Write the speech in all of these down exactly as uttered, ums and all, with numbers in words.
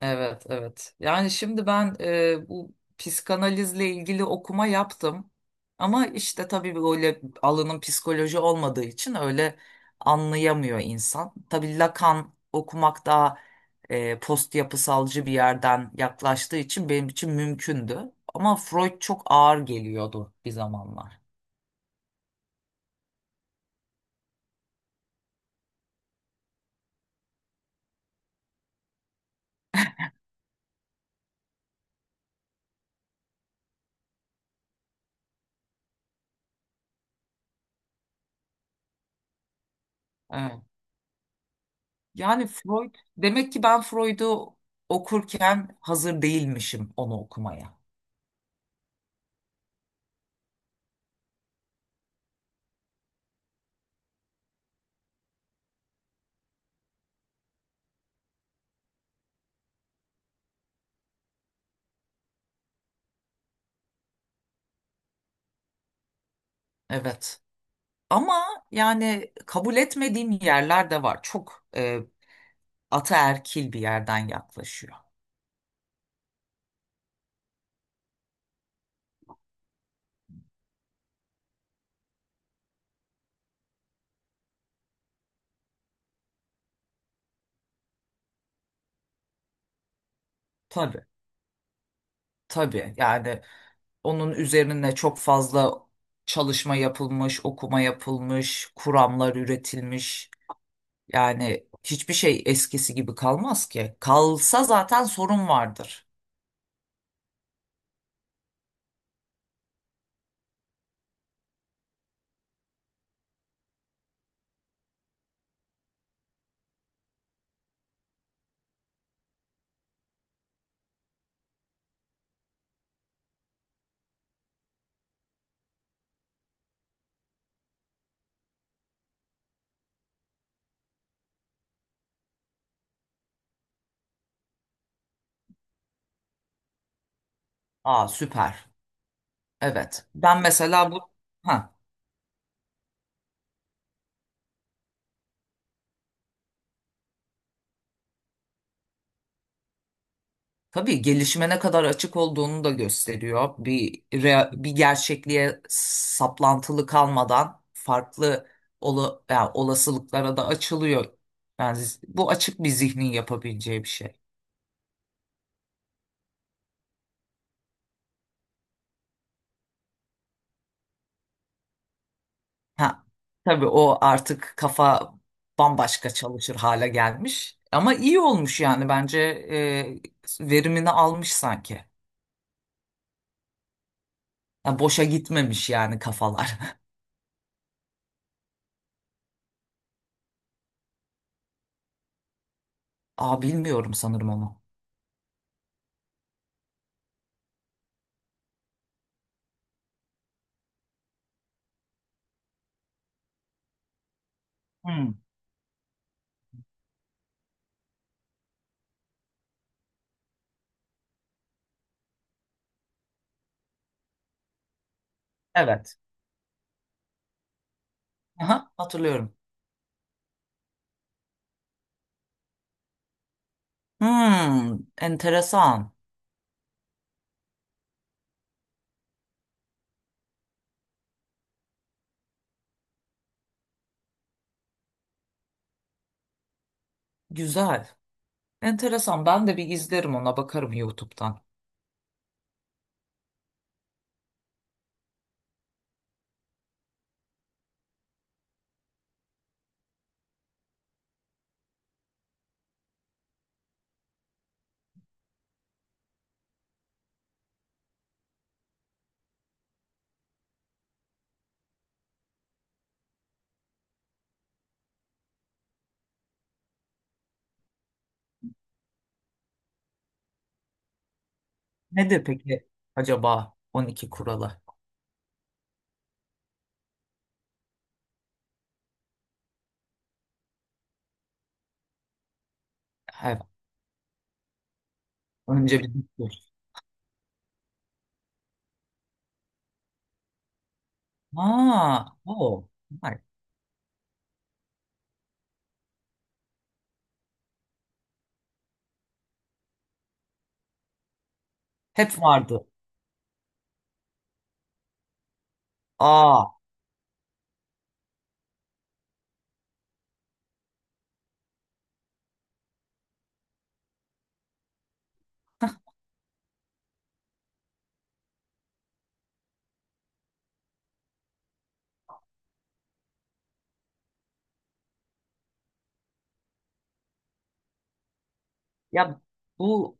Evet, evet. Yani şimdi ben e, bu psikanalizle ilgili okuma yaptım. Ama işte tabii böyle alanın psikoloji olmadığı için öyle anlayamıyor insan. Tabii Lacan okumak daha e, post yapısalcı bir yerden yaklaştığı için benim için mümkündü. Ama Freud çok ağır geliyordu bir zamanlar. Evet. Yani Freud demek ki ben Freud'u okurken hazır değilmişim onu okumaya. Evet. Ama yani kabul etmediğim yerler de var. Çok e, ataerkil bir yerden yaklaşıyor. Tabii, tabii. Yani onun üzerine çok fazla çalışma yapılmış, okuma yapılmış, kuramlar üretilmiş. Yani hiçbir şey eskisi gibi kalmaz ki. Kalsa zaten sorun vardır. Aa, süper. Evet. Ben mesela bu ha, tabii gelişime ne kadar açık olduğunu da gösteriyor. Bir rea- bir gerçekliğe saplantılı kalmadan farklı ola- yani olasılıklara da açılıyor. Yani z- bu açık bir zihnin yapabileceği bir şey. Ha, tabii o artık kafa bambaşka çalışır hale gelmiş. Ama iyi olmuş yani bence e, verimini almış sanki. Ha, boşa gitmemiş yani kafalar. Aa, bilmiyorum sanırım onu. Hmm, evet. Aha, hatırlıyorum. Hmm, enteresan. Güzel. Enteresan. Ben de bir izlerim ona bakarım YouTube'dan. Nedir peki acaba on iki kuralı? Evet. Önce bir dur. Aa, o. Hayır. Hep vardı. Aa, ya bu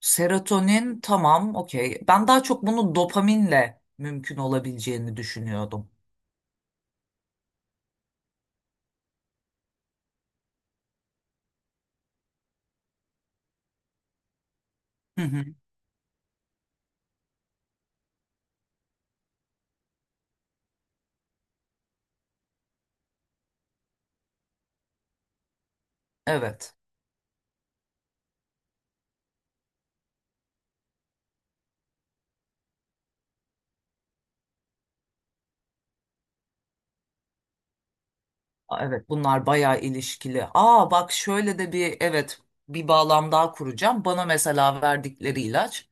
serotonin tamam, okey. Ben daha çok bunu dopaminle mümkün olabileceğini düşünüyordum. Hı hı. Evet. Aa, evet, bunlar bayağı ilişkili. Aa, bak şöyle de bir evet, bir bağlam daha kuracağım. Bana mesela verdikleri ilaç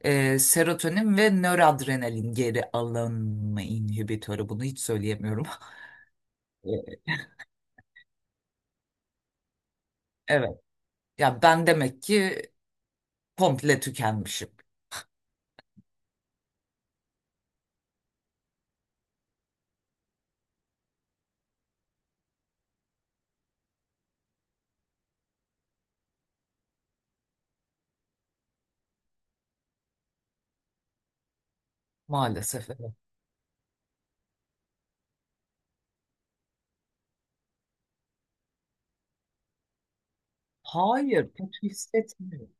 e, serotonin ve nöradrenalin geri alınma inhibitörü. Bunu hiç söyleyemiyorum. E, Evet. Ya ben demek ki komple tükenmişim. Maalesef evet. Hayır, kötü hissetmiyorum.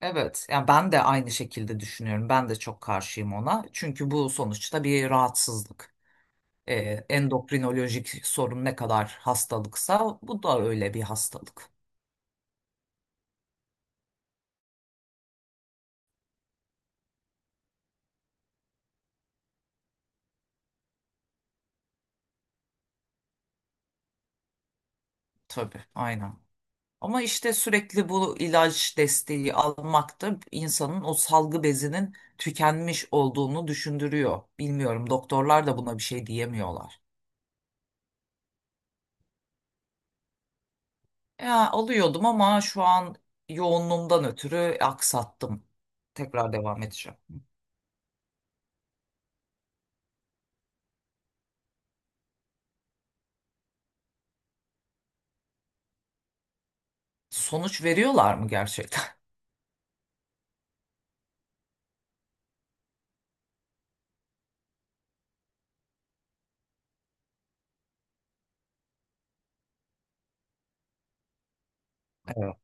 Evet, yani ben de aynı şekilde düşünüyorum. Ben de çok karşıyım ona. Çünkü bu sonuçta bir rahatsızlık. Ee, Endokrinolojik sorun ne kadar hastalıksa bu da öyle bir hastalık. Tabii, aynen. Ama işte sürekli bu ilaç desteği almak da insanın o salgı bezinin tükenmiş olduğunu düşündürüyor. Bilmiyorum, doktorlar da buna bir şey diyemiyorlar. Ya alıyordum ama şu an yoğunluğumdan ötürü aksattım. Tekrar devam edeceğim. Sonuç veriyorlar mı gerçekten? Evet.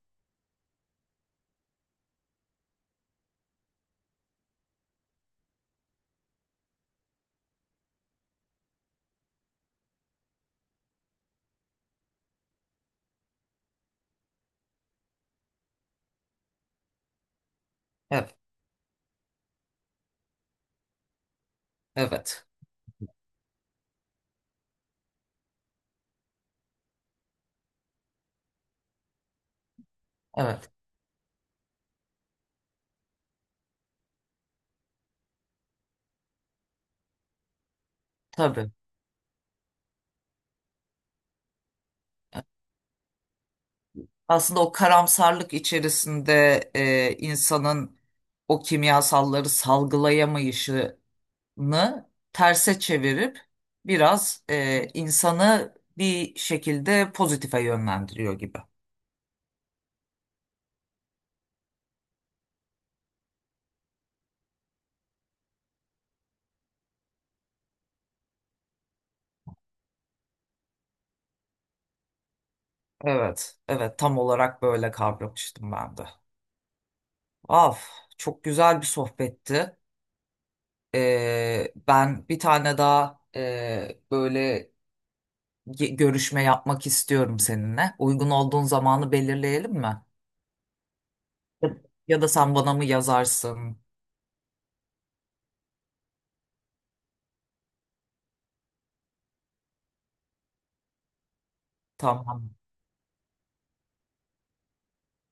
Evet. Evet. Evet. Tabii. Aslında o karamsarlık içerisinde e, insanın o kimyasalları salgılayamayışı mı terse çevirip biraz e, insanı bir şekilde pozitife yönlendiriyor gibi. Evet, evet tam olarak böyle kavramıştım ben de. Af, çok güzel bir sohbetti. Ee, ben bir tane daha e, böyle ge- görüşme yapmak istiyorum seninle. Uygun olduğun zamanı belirleyelim mi? Ya, ya da sen bana mı yazarsın? Tamam.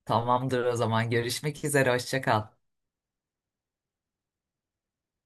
Tamamdır o zaman. Görüşmek üzere. Hoşça kal.